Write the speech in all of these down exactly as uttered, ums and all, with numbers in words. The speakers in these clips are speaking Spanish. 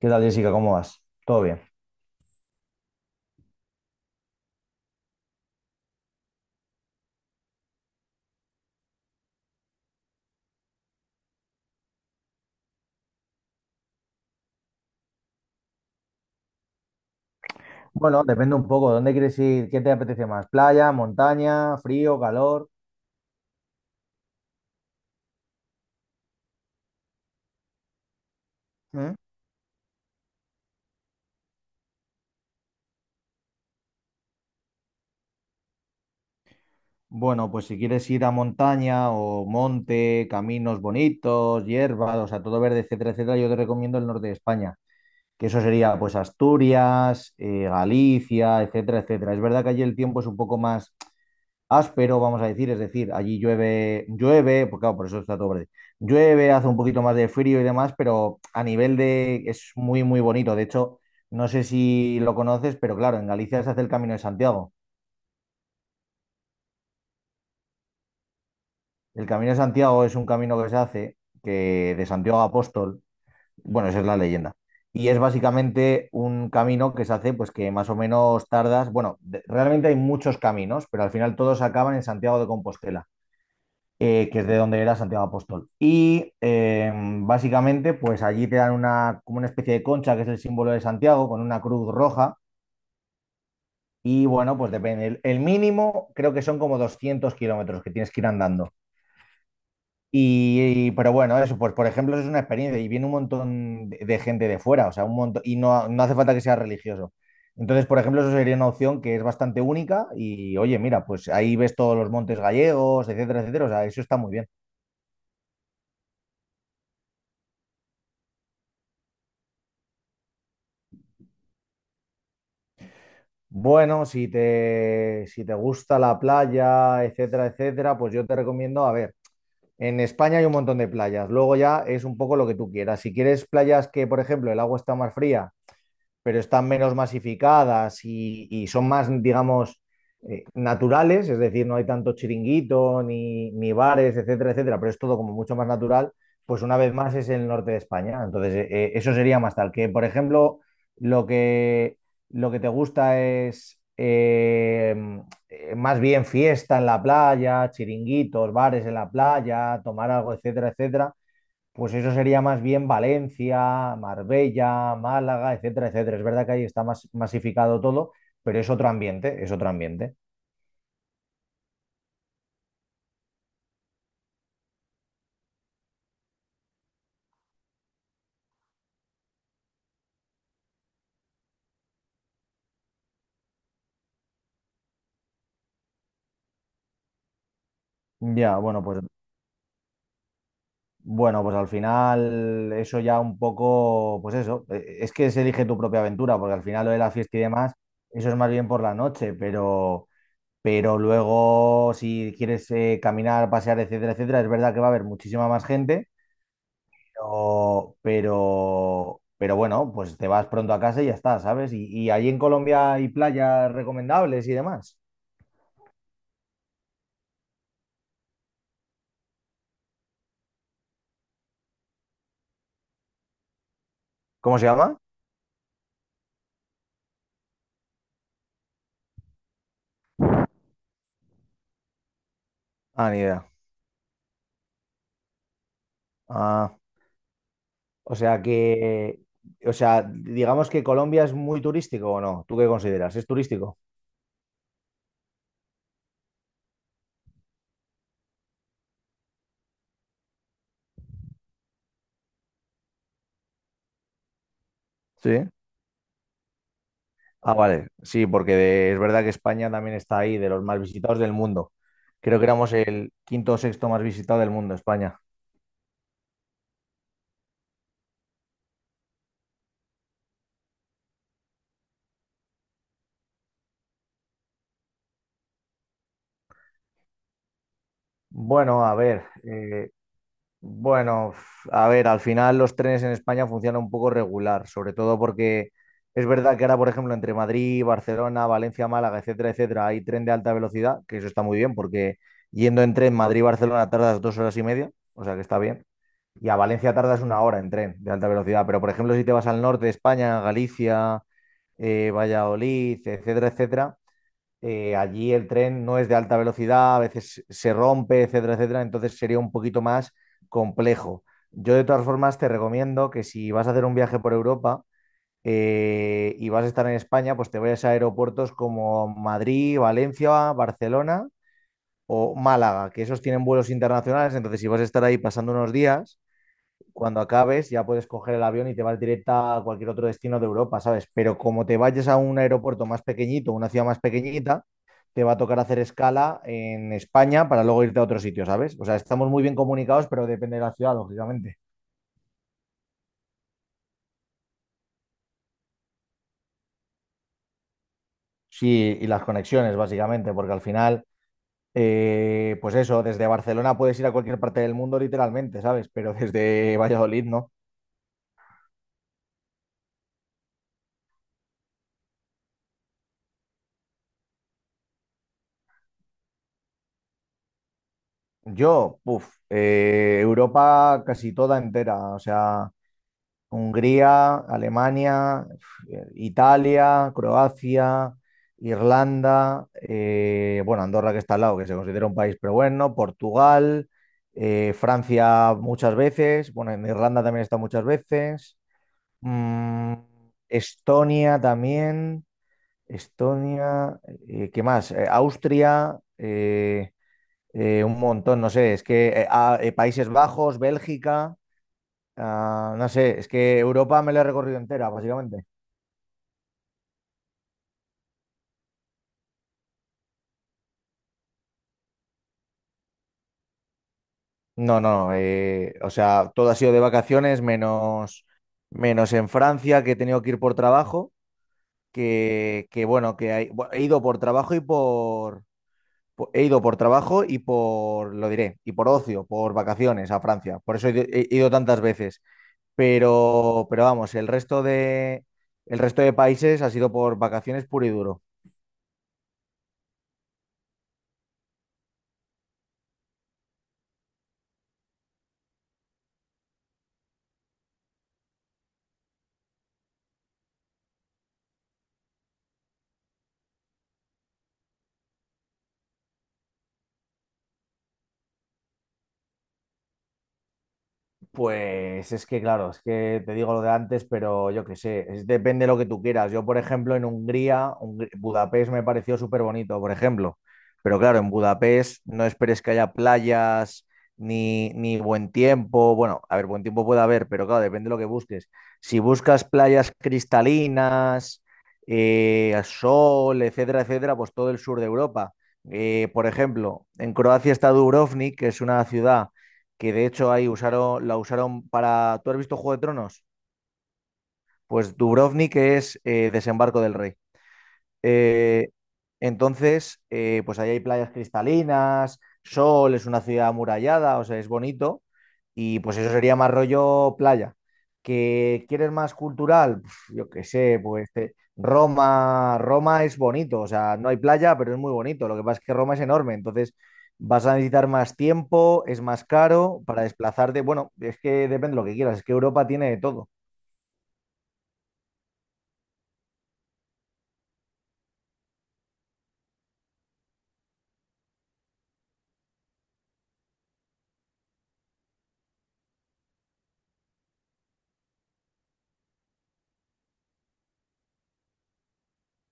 ¿Qué tal, Jessica? ¿Cómo vas? ¿Todo bien? Bueno, depende un poco. ¿Dónde quieres ir? ¿Qué te apetece más? ¿Playa, montaña, frío, calor? ¿Mm? Bueno, pues si quieres ir a montaña o monte, caminos bonitos, hierbas, o sea, todo verde, etcétera, etcétera, yo te recomiendo el norte de España, que eso sería pues Asturias, eh, Galicia, etcétera, etcétera. Es verdad que allí el tiempo es un poco más áspero, vamos a decir, es decir, allí llueve, llueve, pues claro, por eso está todo verde. Llueve, hace un poquito más de frío y demás, pero a nivel de es muy, muy bonito. De hecho, no sé si lo conoces, pero claro, en Galicia se hace el Camino de Santiago. El Camino de Santiago es un camino que se hace, que de Santiago a Apóstol, bueno, esa es la leyenda. Y es básicamente un camino que se hace, pues que más o menos tardas. Bueno, de- realmente hay muchos caminos, pero al final todos acaban en Santiago de Compostela. eh, que es de donde era Santiago Apóstol. Y eh, básicamente, pues allí te dan una, como una especie de concha, que es el símbolo de Santiago, con una cruz roja. Y bueno, pues depende. El, el mínimo creo que son como doscientos kilómetros que tienes que ir andando. Y, y- pero bueno, eso, pues por ejemplo, eso es una experiencia y viene un montón de, de gente de fuera, o sea, un montón, y no, no hace falta que sea religioso. Entonces, por ejemplo, eso sería una opción que es bastante única y oye, mira, pues ahí ves todos los montes gallegos, etcétera, etcétera, o sea, eso está muy bien. Bueno, si te, si te gusta la playa, etcétera, etcétera, pues yo te recomiendo, a ver, en España hay un montón de playas, luego ya es un poco lo que tú quieras. Si quieres playas que, por ejemplo, el agua está más fría pero están menos masificadas y, y son más, digamos, eh, naturales, es decir, no hay tanto chiringuito ni, ni bares, etcétera, etcétera, pero es todo como mucho más natural, pues una vez más es el norte de España. Entonces, eh, eh, eso sería más tal. Que, por ejemplo, lo que, lo que te gusta es eh, eh, más bien fiesta en la playa, chiringuitos, bares en la playa, tomar algo, etcétera, etcétera. Pues eso sería más bien Valencia, Marbella, Málaga, etcétera, etcétera. Es verdad que ahí está más masificado todo, pero es otro ambiente, es otro ambiente. Ya, bueno, pues bueno, pues al final eso ya un poco, pues eso, eh, es que se elige tu propia aventura, porque al final lo de la fiesta y demás, eso es más bien por la noche, pero pero luego si quieres eh, caminar, pasear, etcétera, etcétera, es verdad que va a haber muchísima más gente. Pero, pero, pero bueno, pues te vas pronto a casa y ya está, ¿sabes? Y, y allí en Colombia hay playas recomendables y demás. ¿Cómo se llama? Ah, ni idea. Ah, o sea que, o sea, digamos que Colombia es muy turístico o no. ¿Tú qué consideras? ¿Es turístico? Sí. Ah, vale. Sí, porque de- es verdad que España también está ahí, de los más visitados del mundo. Creo que éramos el quinto o sexto más visitado del mundo, España. Bueno, a ver, eh, Bueno, f- a ver, al final los trenes en España funcionan un poco regular, sobre todo porque es verdad que ahora, por ejemplo, entre Madrid, Barcelona, Valencia, Málaga, etcétera, etcétera, hay tren de alta velocidad, que eso está muy bien, porque yendo en tren Madrid-Barcelona tardas dos horas y media, o sea que está bien, y a Valencia tardas una hora en tren de alta velocidad, pero por ejemplo, si te vas al norte de España, Galicia, eh, Valladolid, etcétera, etcétera, eh, allí el tren no es de alta velocidad, a veces se rompe, etcétera, etcétera, entonces sería un poquito más complejo. Yo de todas formas te recomiendo que si vas a hacer un viaje por Europa eh, y vas a estar en España, pues te vayas a aeropuertos como Madrid, Valencia, Barcelona o Málaga, que esos tienen vuelos internacionales, entonces si vas a estar ahí pasando unos días, cuando acabes ya puedes coger el avión y te vas directa a cualquier otro destino de Europa, ¿sabes? Pero como te vayas a un aeropuerto más pequeñito, una ciudad más pequeñita, te va a tocar hacer escala en España para luego irte a otro sitio, ¿sabes? O sea, estamos muy bien comunicados, pero depende de la ciudad, lógicamente. Sí, y las conexiones, básicamente, porque al final, eh, pues eso, desde Barcelona puedes ir a cualquier parte del mundo, literalmente, ¿sabes? Pero desde Valladolid, ¿no? Yo, puff, eh, Europa casi toda entera, o sea, Hungría, Alemania, Italia, Croacia, Irlanda, eh, bueno, Andorra que está al lado, que se considera un país, pero bueno, Portugal, eh, Francia muchas veces, bueno, en Irlanda también está muchas veces, mm, Estonia también, Estonia, eh, ¿qué más? Eh, Austria, eh, eh, un montón, no sé, es que eh, ah, eh, Países Bajos, Bélgica. Ah, no sé, es que Europa me la he recorrido entera, básicamente. No, no, no, eh, o sea, todo ha sido de vacaciones, menos, menos en Francia, que he tenido que ir por trabajo, que, que bueno, que hay- bu- he ido por trabajo y por, po- he ido por trabajo y por, lo diré, y por ocio, por vacaciones a Francia. Por eso he, ido he ido tantas veces. Pero, pero vamos, el resto de, el resto de países ha sido por vacaciones puro y duro. Pues es que, claro, es que te digo lo de antes, pero yo qué sé, es- depende de lo que tú quieras. Yo, por ejemplo, en Hungría, Hungr- Budapest me pareció súper bonito, por ejemplo. Pero claro, en Budapest no esperes que haya playas ni, ni buen tiempo. Bueno, a ver, buen tiempo puede haber, pero claro, depende de lo que busques. Si buscas playas cristalinas, eh, sol, etcétera, etcétera, pues todo el sur de Europa. Eh, por ejemplo, en Croacia está Dubrovnik, que es una ciudad que de hecho ahí usaron, la usaron para... ¿Tú has visto Juego de Tronos? Pues Dubrovnik es eh, Desembarco del Rey. Eh, entonces, eh, pues ahí hay playas cristalinas, sol, es una ciudad amurallada, o sea, es bonito. Y pues eso sería más rollo playa. ¿Que quieres más cultural? Pf, yo qué sé, pues te- Roma, Roma es bonito, o sea, no hay playa, pero es muy bonito. Lo que pasa es que Roma es enorme, entonces vas a necesitar más tiempo, es más caro para desplazarte. Bueno, es que depende de lo que quieras, es que Europa tiene de todo.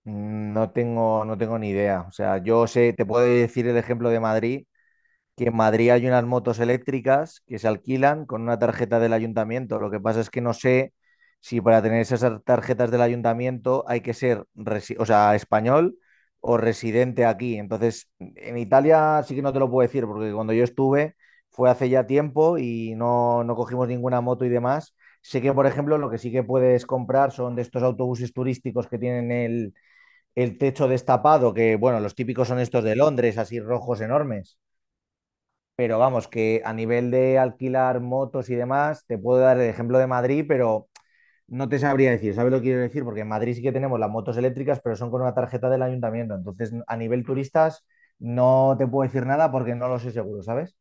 Mm, No tengo, no tengo ni idea. O sea, yo sé, te puedo decir el ejemplo de Madrid, que en Madrid hay unas motos eléctricas que se alquilan con una tarjeta del ayuntamiento. Lo que pasa es que no sé si para tener esas ar- tarjetas del ayuntamiento hay que ser, resi- o sea, español o residente aquí. Entonces, en Italia sí que no te lo puedo decir, porque cuando yo estuve fue hace ya tiempo y no, no cogimos ninguna moto y demás. Sé que, por ejemplo, lo que sí que puedes comprar son de estos autobuses turísticos que tienen el el techo destapado, que bueno, los típicos son estos de Londres, así rojos enormes. Pero vamos, que a nivel de alquilar motos y demás, te puedo dar el ejemplo de Madrid, pero no te sabría decir, ¿sabes lo que quiero decir? Porque en Madrid sí que tenemos las motos eléctricas, pero son con una tarjeta del ayuntamiento. Entonces, a nivel turistas, no te puedo decir nada porque no lo sé seguro, ¿sabes?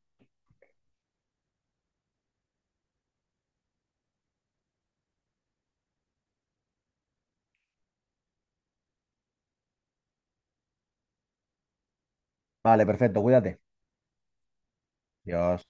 Vale, perfecto, cuídate. Dios.